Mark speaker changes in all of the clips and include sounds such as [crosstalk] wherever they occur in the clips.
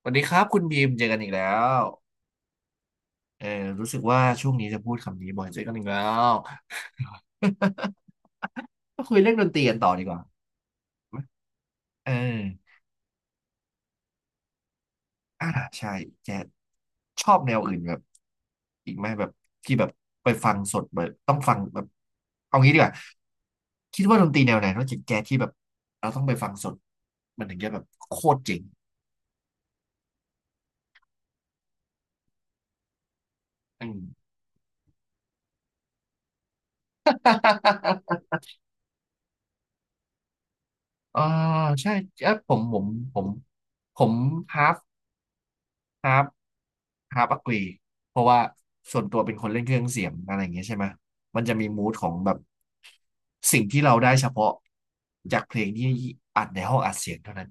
Speaker 1: สวัสดีครับคุณบีมเจอกันอีกแล้วเออรู้สึกว่าช่วงนี้จะพูดคำนี้บ่อยเจอกันอีกแล้ว [laughs] ก็คุยเรื่องดนตรีกันต่อดีกว่าเอออ่าใช่แกชอบแนวอื่นแบบอีกไหมแบบที่แบบไปฟังสดแบบต้องฟังแบบเอางี้ดีกว่าคิดว่าดนตรีแนวไหนนอกจากแจ๊สที่แบบเราต้องไปฟังสดมันถึงจะแบบโคตรเจ๋งอืม [laughs] เออใช่เออผมผมผมผมฮาฟฮาฟ ฮาร์ปอักลีเพราะว่าส่วนตัวเป็นคนเล่นเครื่องเสียงอะไรอย่างเงี้ยใช่ไหม มันจะมีมูดของแบบสิ่งที่เราได้เฉพาะจากเพลงที่อัดในห้องอัดเสียงเท่านั้น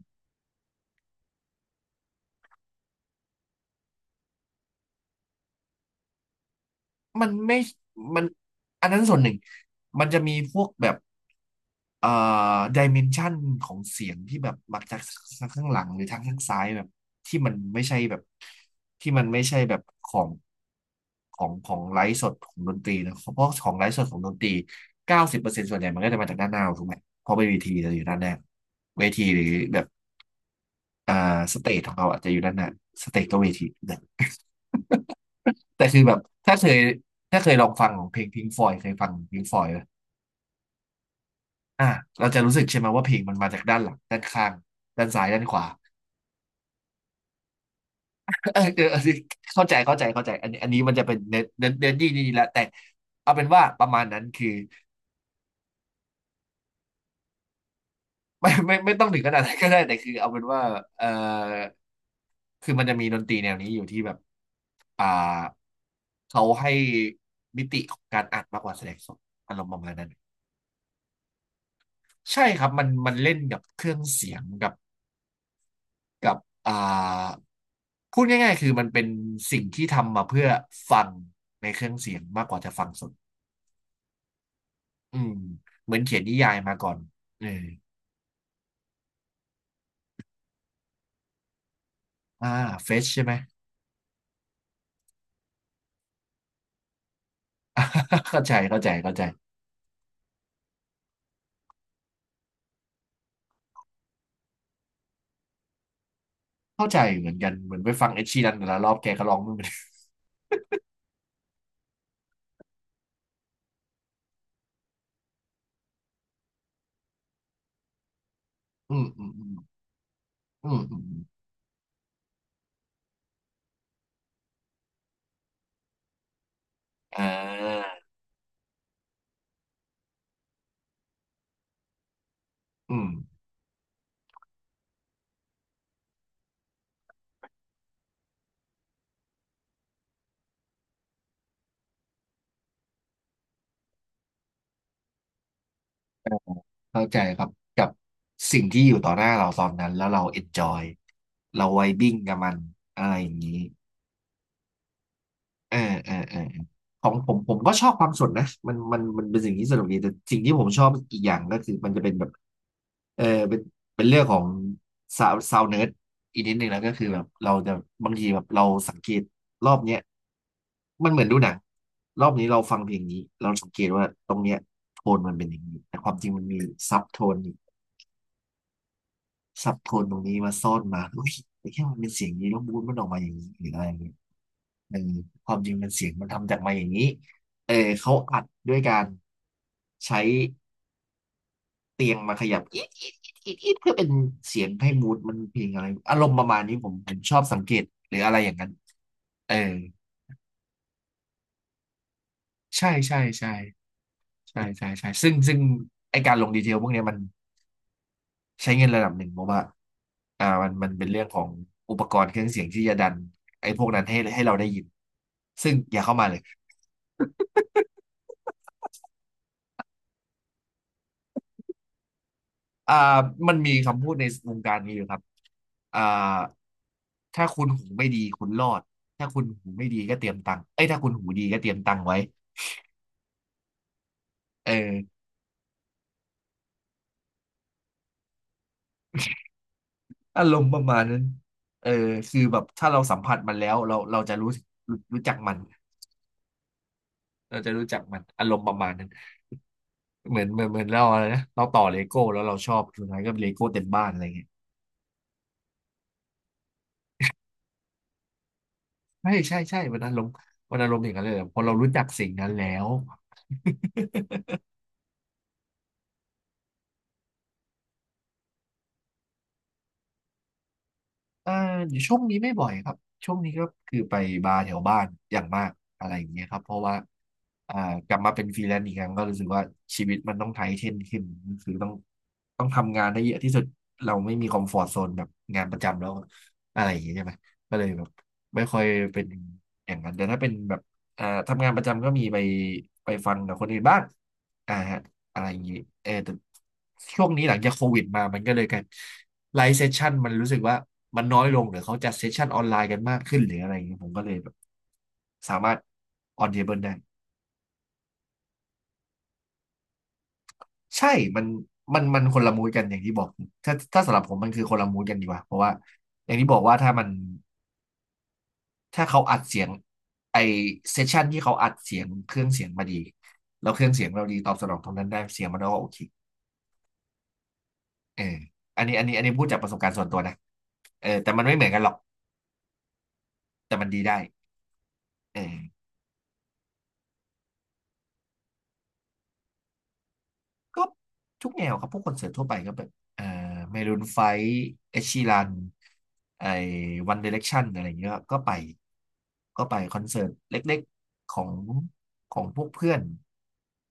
Speaker 1: มันไม่มันอันนั้นส่วนหนึ่งมันจะมีพวกแบบเอ่อดิเมนชันของเสียงที่แบบมาจากทางข้างหลังหรือทางข้างซ้ายแบบที่มันไม่ใช่แบบที่มันไม่ใช่แบบของไลฟ์สดของดนตรีนะเพราะของไลฟ์สดของดนตรี90%ส่วนใหญ่มันก็จะมาจากด้านหน้าถูกไหมเพราะเป็นเวทีจะอยู่ด้านหน้าเวทีหรือแบบอ่าสเตจของเราอาจจะอยู่ด้านหน้าสเตจก็เวที แต่คือแบบถ้าเคยถ้าเคยลองฟังของเพลงพิงฟอยเคยฟังพิงฟอยไหมอ่ะเราจะรู้สึกใช่ไหมว่าเพลงมันมาจากด้านหลังด้านข้างด้านซ้ายด้านขวา [laughs] เออเออเข้าใจอันนี้มันจะเป็นเน้นที่นี่แหละแต่เอาเป็นว่าประมาณนั้นคือ [laughs] ไม่ต้องถึงขนาดนั้นก็ได้แต่คือเอาเป็นว่าเออคือมันจะมีดนตรีแนวนี้อยู่ที่แบบอ่าเขาให้มิติของการอัดมากกว่าแสดงสดอารมณ์ประมาณนั้นใช่ครับมันเล่นกับเครื่องเสียงกับอ่าพูดง่ายๆคือมันเป็นสิ่งที่ทำมาเพื่อฟังในเครื่องเสียงมากกว่าจะฟังสดอืมเหมือนเขียนนิยายมาก่อนเอออ่าเฟชใช่ไหม [laughs] เข้าใจเข้าใจเข้าใจเข้าใจเหมือนกันเหมือนไปฟังเอ็ดชีรันแต่ละรอบแกก็ร้องไม่เหมือนอืมอืมอืมอืมอืมอมอ่าอืมเข้าใจครับกับสิ่งที่อยู่ต่อหน้าเราตอนนั้นแล้วเราเอนจอยเราไวบิ้งกับมันอะไรอย่างนี้ อ่าอ่าอ่าของผมก็ชอบความสดนะมันเป็นสิ่งที่สนุกดีแต่สิ่งที่ผมชอบอีกอย่างก็คือมันจะเป็นแบบเออเป็นเป็นเรื่องของซาวเนิร์ดอีกนิดนึงแล้วก็คือแบบเราจะบางทีแบบเราสังเกตรอบเนี้ยมันเหมือนดูหนังรอบนี้เราฟังเพลงนี้เราสังเกตว่าตรงเนี้ยโทนมันเป็นอย่างนี้แต่ความจริงมันมีซับโทนซับโทนตรงนี้มาซ่อนมาอุ้ยแอ่แค่มันเป็นเสียงนี้แล้วมูดมันออกมาอย่างนี้หรืออะไรอย่างเงี้ย เออความจริงมันเสียงมันทำจากมาอย่างนี้เออเขาอัดด้วยการใช้เตียงมาขยับอีดอีดอีดอีดอีดเพื่อเป็นเสียงให้มูดมันเพลงอะไรอารมณ์ประมาณนี้ผมชอบสังเกตหรืออะไรอย่างนั้นเออใช่ใช่ใช่ใช่ซึ่งไอการลงดีเทลพวกเนี้ยมันใช้เงินระดับหนึ่งเพราะว่ามันเป็นเรื่องของอุปกรณ์เครื่องเสียงที่จะดันไอพวกนั้นให้เราได้ยินซึ่งอย่าเข้ามาเลย อ่ามันมีคำพูดในวงการนี้อยู่ครับอ่าถ้าคุณหูไม่ดีคุณรอดถ้าคุณหูไม่ดีก็เตรียมตังค์เอ้ยถ้าคุณหูดีก็เตรียมตังค์ไว้เอออารมณ์ประมาณนั้นเออคือแบบถ้าเราสัมผัสมันแล้วเราจะรู้จักมันเราจะรู้จักมันอารมณ์ประมาณนั้นเหมือนเราอะไรนะเราต่อเลโก้แล้วเราชอบสุดท้ายก็เลโก้เต็มบ้านอะไรเงี้ยใช่มันอารมณ์อย่างนั้นเลยอะพอเรารู้จักสิ่งนั้นแล้ว อ่าช่วงนี้ไม่บ่อยครับช่วงนี้ก็คือไปบาร์แถวบ้านอย่างมากอะไรอย่างเงี้ยครับเพราะว่าอ่ากลับมาเป็นฟรีแลนซ์อีกครั้งก็รู้สึกว่าชีวิตมันต้องไทเทนขึ้นคือต้องทำงานได้เยอะที่สุดเราไม่มีคอมฟอร์ z โซนแบบงานประจำแล้วอะไรอย่างเงี้ยใช่ไหมก็เลยแบบไม่ค่อยเป็นอย่างนั้นแต่ถ้าเป็นแบบทำงานประจำก็มีไปฟังกับคนอื่นบ้างอ่าฮะอะไรอย่างงี้เออแต่ช่วงนี้หลังจากโควิดมามันก็เลยกัน ไลฟ์เซสชันมันรู้สึกว่ามันน้อยลงหรือเขาจัดเซสชันออนไลน์กันมากขึ้นหรืออะไรอย่างเงี้ยผมก็เลยแบบสามารถออนเทเบิลได้ใช่มันมันคนละมูดกันอย่างที่บอกถ้าสำหรับผมมันคือคนละมูดกันดีกว่าเพราะว่าอย่างที่บอกว่าถ้ามันถ้าเขาอัดเสียงไอเซสชันที่เขาอัดเสียงเครื่องเสียงมาดีแล้วเครื่องเสียงเราดีตอบสนองตรงนั้นได้เสียงมันก็โอเคเอออันนี้พูดจากประสบการณ์ส่วนตัวนะเออแต่มันไม่เหมือนกันหรอกแต่มันดีได้เออ ก็ทุกแนวครับพวกคอนเสิร์ตทั่วไปก็แบบเอ่อเมรูนไฟว์เอชีรันไอวันเดเรคชั่นอะไรอย่างเงี้ยครับก็ไปก็ไปคอนเสิร์ตเล็กๆของของพวกเพื่อน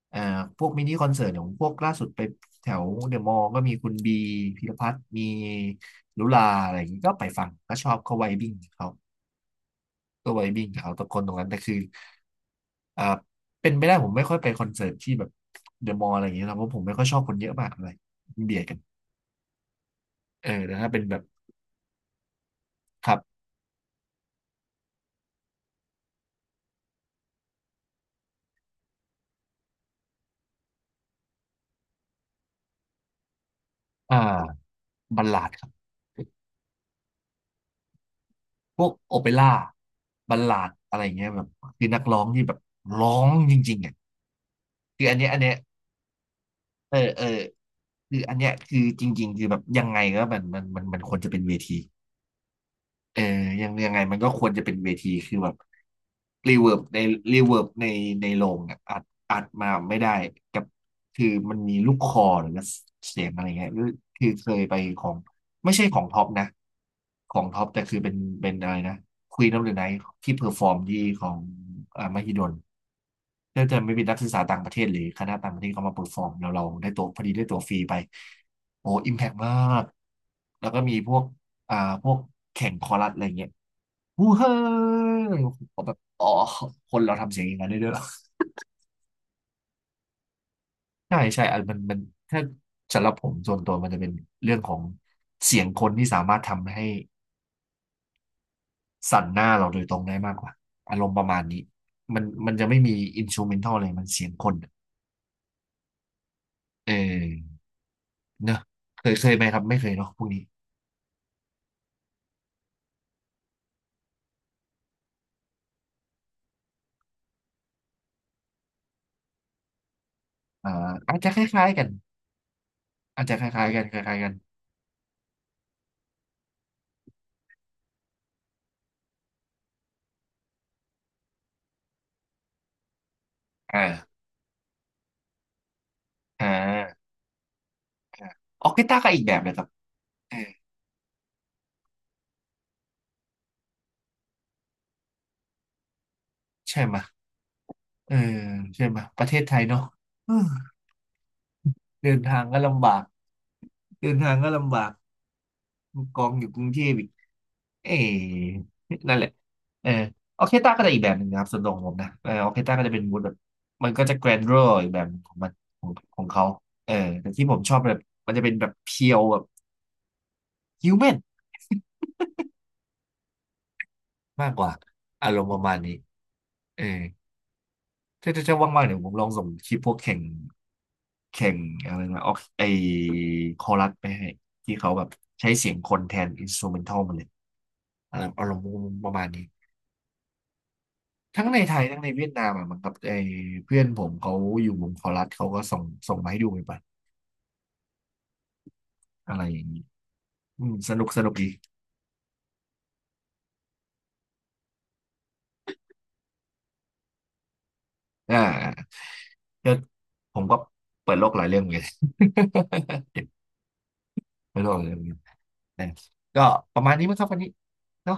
Speaker 1: เอ่อพวกมินิคอนเสิร์ตของพวกล่าสุดไปแถวเดอะมอลล์ก็มีคุณบีพีรพัฒน์มีลุลาอะไรอย่างงี้ก็ไปฟังก็ชอบเขาไวบิ้งเขา ตัวไวบิ้งเอาตะกอตรงนั้นแต่คืออ่าเป็นไม่ได้ผมไม่ค่อยไปคอนเสิร์ตที่แบบเดอะมอลล์อะไรอย่างเงี้ยนะเพราะผมไม่ค่อยชอบคนเยอะมากอะไรเบียดกันเออแต่ถ้าเป็นแบบครับอ่าบัลลาดครับพวกโอเปร่าบัลลาดอะไรอย่างเงี้ยแบบคือนักร้องที่แบบร้องจริงๆอ่ะคืออันเนี้ยเออเออคืออันเนี้ยคือจริงๆคือแบบยังไงก็มันควรจะเป็นเวที เออยังไงมันก็ควรจะเป็นเวทีคือแบบรีเวิร์บในรีเวิร์บในในโรงอะอัดอัดมาไม่ได้กับคือมันมีลูกคอหรือเสียงอะไรเงี้ยหรือคือเคยไปของไม่ใช่ของท็อปนะของท็อปแต่คือเป็นเป็นอะไรนะควีนออฟเดอะไนท์ที่เพอร์ฟอร์มที่ของมหิดลน่าจะไม่เป็นนักศึกษาต่างประเทศหรือคณะต่างประเทศเขามาเพอร์ฟอร์มแล้วเราได้ตัวพอดีได้ตัวฟรีไปโอ้อิมแพกมากแล้วก็มีพวกอ่าพวกแข่งคอรัสอะไรเงี้ย ฮูเฮ้ยผมแบบอ๋อคนเราทำเสียงอย่างนั้นได้ด้วยเหรอใช่ใช่อันมันถ้าสำหรับผมส่วนตัวมันจะเป็นเรื่องของเสียงคนที่สามารถทำให้สั่นหน้าเราโดยตรงได้มากกว่าอารมณ์ประมาณนี้มันจะไม่มีอินส r ูเมนทัลเลยมันเสียงคนอะเออเนอะเคยไหมครับไม่เคยเนาะพวกนี้อ่าอาจจะคล้ายๆกันอาจจะคล้ายๆกันคล้ายๆกันอ่าอ่าอาออกกีตาร์ก็อีกแบบเลยครับเออใช่ไหมยเออใช่ไหมยประเทศไทยเนาะ เดินทางก็ลำบากเดินทางก็ลำบากกองอยู่กรุงเทพอีกเอ๊ะนั่นแหละเออออเคสตราก็จะอีกแบบหนึ่งนะครับสำหรับผมนะเออออเคสตราก็จะเป็นมูดแบบมันก็จะแกรนด์รออีกแบบของมันของของเขาเออแต่ที่ผมชอบแบบมันจะเป็นแบบเพียวแบบฮิวแมนมากกว่าอารมณ์ประมาณนี้เออถ้าจะว่างๆเดี๋ยวผมลองส่งคลิปพวกแข่งอะไรนะออกไอคอรัสไปให้ ที่เขาแบบใช้เสียงคนแทนอินส t ูเมนทัลมาเลย เอออารมณ์ประมาณนี้ทั้งในไทยทั้งในเวียดนามอ่ะมันกับไอ้เพื่อนผมเขาอยู่วงคอรัสเขาก็ส่งมาให้ดูไปบัดอะไรอย่างนี้อืมสนุกดีอ่าก็ผมก็เปิดโลกหลายเรื่องเหมือนกัน [laughs] เปิดโลกหลายเรื่องเหมือนกันนะก็ประมาณนี้มั้งครับวันนี้เนาะ